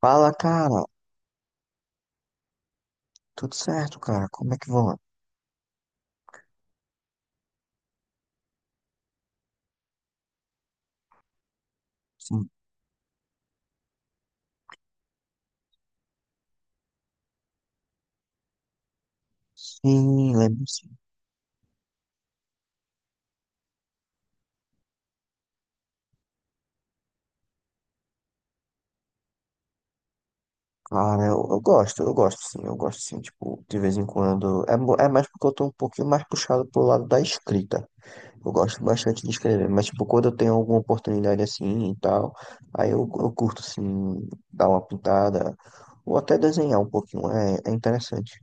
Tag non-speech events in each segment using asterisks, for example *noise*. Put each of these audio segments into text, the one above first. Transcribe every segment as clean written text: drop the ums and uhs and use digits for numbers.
Fala, cara. Tudo certo, cara? Como é que vão? Sim, sim, lembro sim. Cara, eu gosto, eu gosto sim, eu gosto sim. Tipo, de vez em quando. É, é mais porque eu tô um pouquinho mais puxado pro lado da escrita. Eu gosto bastante de escrever, mas, tipo, quando eu tenho alguma oportunidade assim e tal, aí eu curto, assim, dar uma pintada, ou até desenhar um pouquinho. É, é interessante.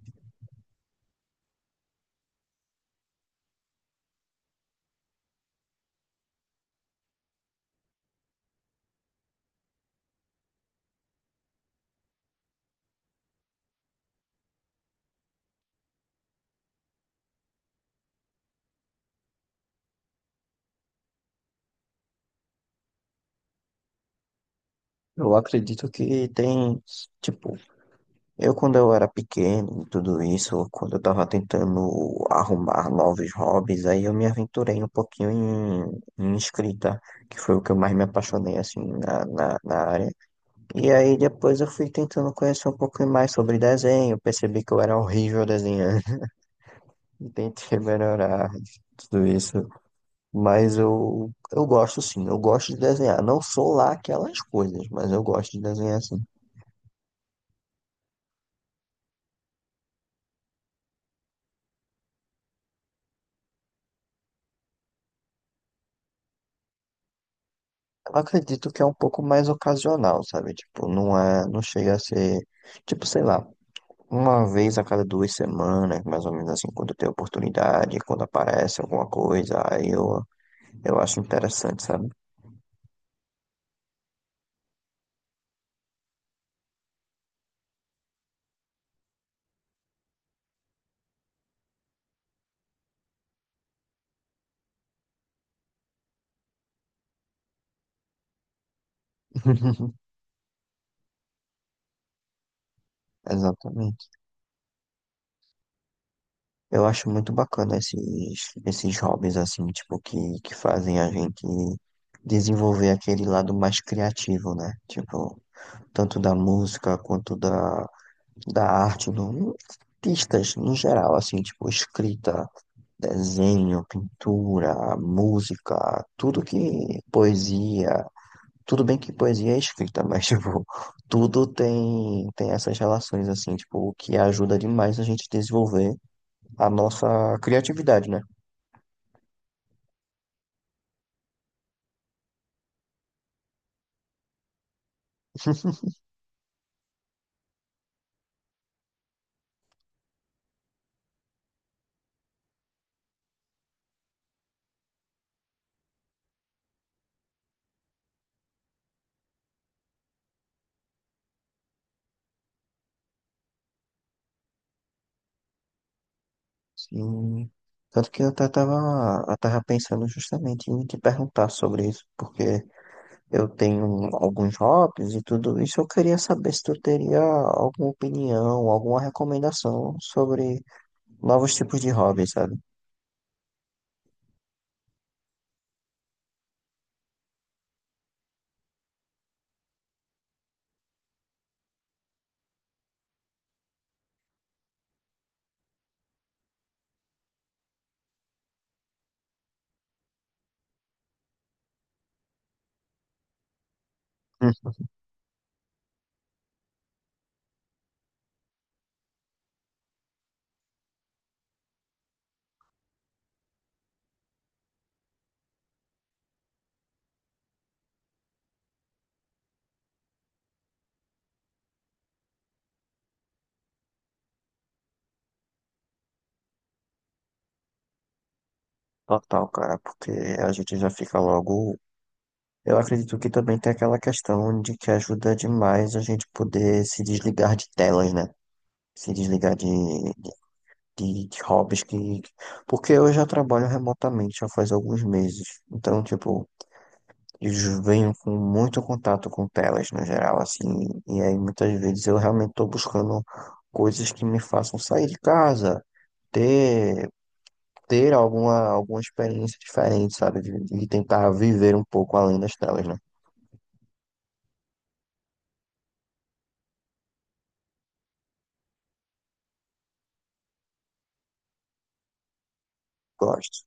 Eu acredito que tem, tipo, eu, quando eu era pequeno, e tudo isso, quando eu tava tentando arrumar novos hobbies, aí eu me aventurei um pouquinho em escrita, que foi o que eu mais me apaixonei, assim, na área. E aí depois eu fui tentando conhecer um pouco mais sobre desenho, percebi que eu era horrível desenhando, *laughs* e tentei melhorar tudo isso. Mas eu gosto, sim, eu gosto de desenhar. Não sou lá aquelas coisas, mas eu gosto de desenhar, sim. Eu acredito que é um pouco mais ocasional, sabe? Tipo, não é, não chega a ser, tipo, sei lá, uma vez a cada duas semanas, mais ou menos assim, quando eu tenho oportunidade, quando aparece alguma coisa, aí eu acho interessante, sabe? *laughs* Exatamente. Eu acho muito bacana esses hobbies assim, tipo, que fazem a gente desenvolver aquele lado mais criativo, né? Tipo, tanto da música quanto da, da arte, no, artistas no geral, assim, tipo, escrita, desenho, pintura, música, tudo que poesia, tudo bem que poesia é escrita, mas *laughs* tipo, tudo tem essas relações assim, tipo, o que ajuda demais a gente desenvolver a nossa criatividade, né? Sim. Tanto que eu até tava, eu tava pensando justamente em te perguntar sobre isso, porque eu tenho alguns hobbies e tudo isso. Eu queria saber se tu teria alguma opinião, alguma recomendação sobre novos tipos de hobbies, sabe? Uhum. Total, cara, porque a gente já fica logo. Eu acredito que também tem aquela questão de que ajuda demais a gente poder se desligar de telas, né? Se desligar de hobbies que. Porque eu já trabalho remotamente já faz alguns meses. Então, tipo, eu venho com muito contato com telas no geral, assim. E aí muitas vezes eu realmente estou buscando coisas que me façam sair de casa, ter, ter alguma, alguma experiência diferente, sabe? E tentar viver um pouco além das telas, né? Gosto.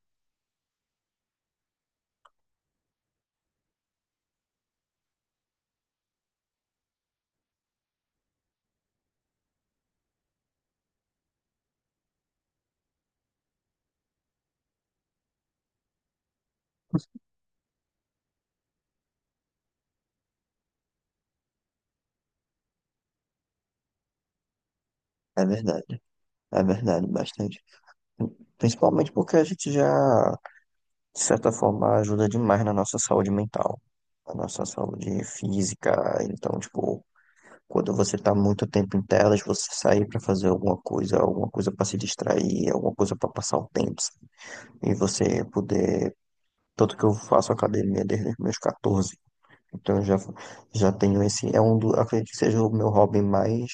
É verdade, é verdade, bastante. Principalmente porque a gente já de certa forma, ajuda demais na nossa saúde mental, na nossa saúde física. Então, tipo, quando você tá muito tempo em telas, você sair pra fazer alguma coisa pra se distrair, alguma coisa pra passar o tempo, sabe? E você poder. Tanto que eu faço academia desde os meus 14. Então, eu já, já tenho esse. É um do, acredito que seja o meu hobby mais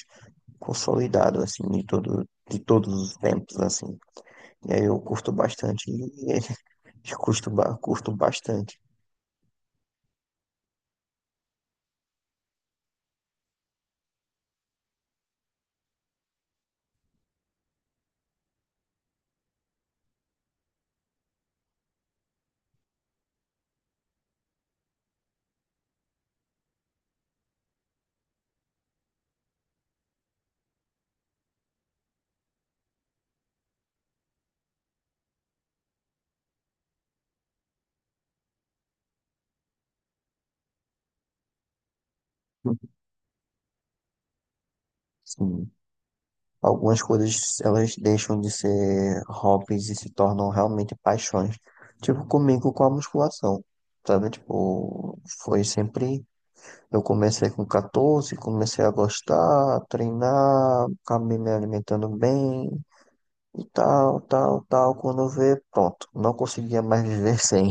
consolidado, assim, de todo, de todos os tempos, assim. E aí eu curto bastante, *laughs* e, curto, curto bastante. Sim. Algumas coisas elas deixam de ser hobbies e se tornam realmente paixões. Tipo comigo com a musculação, sabe? Tipo, foi sempre. Eu comecei com 14, comecei a gostar, treinar, acabei me alimentando bem e tal, tal, tal. Quando eu vê, pronto, não conseguia mais viver sem.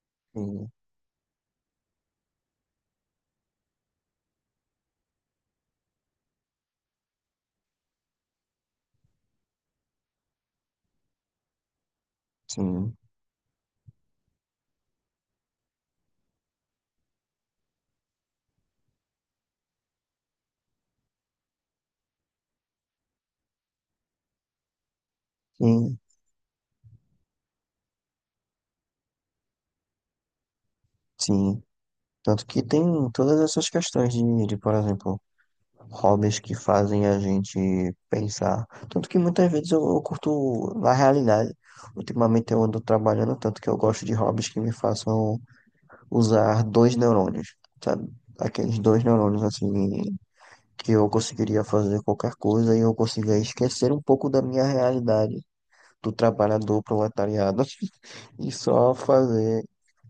*laughs* Sim, sim, sim. Sim. Tanto que tem todas essas questões de, por exemplo, hobbies que fazem a gente pensar. Tanto que muitas vezes eu curto, na realidade, ultimamente eu ando trabalhando tanto que eu gosto de hobbies que me façam usar dois neurônios, sabe? Aqueles dois neurônios assim que eu conseguiria fazer qualquer coisa e eu consiga esquecer um pouco da minha realidade do trabalhador proletariado *laughs* e só fazer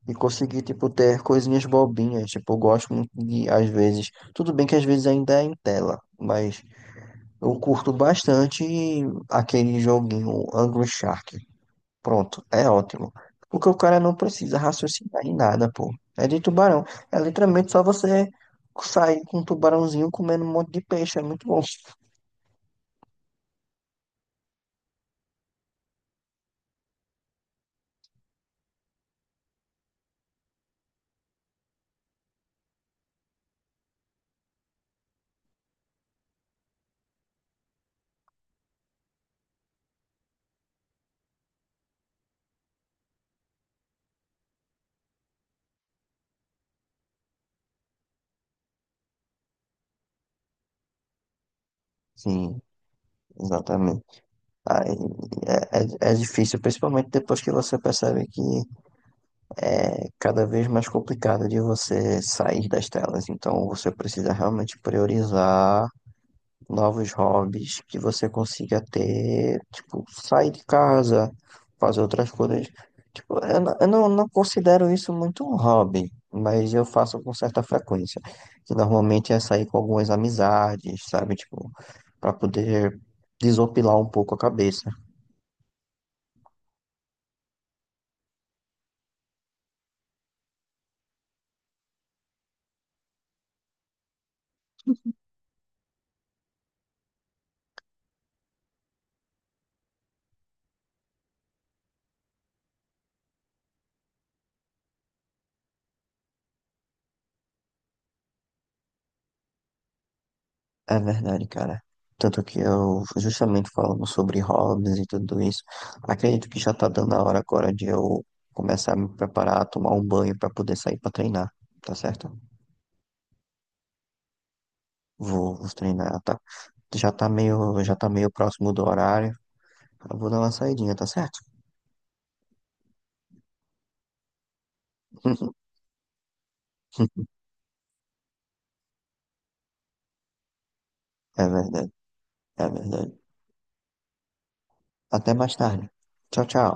e conseguir, tipo, ter coisinhas bobinhas. Tipo, eu gosto muito de, às vezes, tudo bem que às vezes ainda é em tela, mas eu curto bastante aquele joguinho Angry Shark. Pronto, é ótimo. Porque o cara não precisa raciocinar em nada, pô. É de tubarão. É literalmente só você sair com um tubarãozinho comendo um monte de peixe. É muito bom. Sim, exatamente. Aí, é difícil, principalmente depois que você percebe que é cada vez mais complicado de você sair das telas. Então você precisa realmente priorizar novos hobbies que você consiga ter, tipo, sair de casa, fazer outras coisas. Tipo, eu, eu não, não considero isso muito um hobby, mas eu faço com certa frequência. Que normalmente é sair com algumas amizades, sabe? Tipo, para poder desopilar um pouco a cabeça. É verdade, cara. Tanto que eu justamente falando sobre hobbies e tudo isso, acredito que já tá dando a hora agora de eu começar a me preparar, tomar um banho pra poder sair pra treinar, tá certo? Vou treinar, tá? Já tá meio próximo do horário. Eu vou dar uma saidinha, tá certo? *laughs* É verdade, é verdade. Até mais tarde. Tchau, tchau.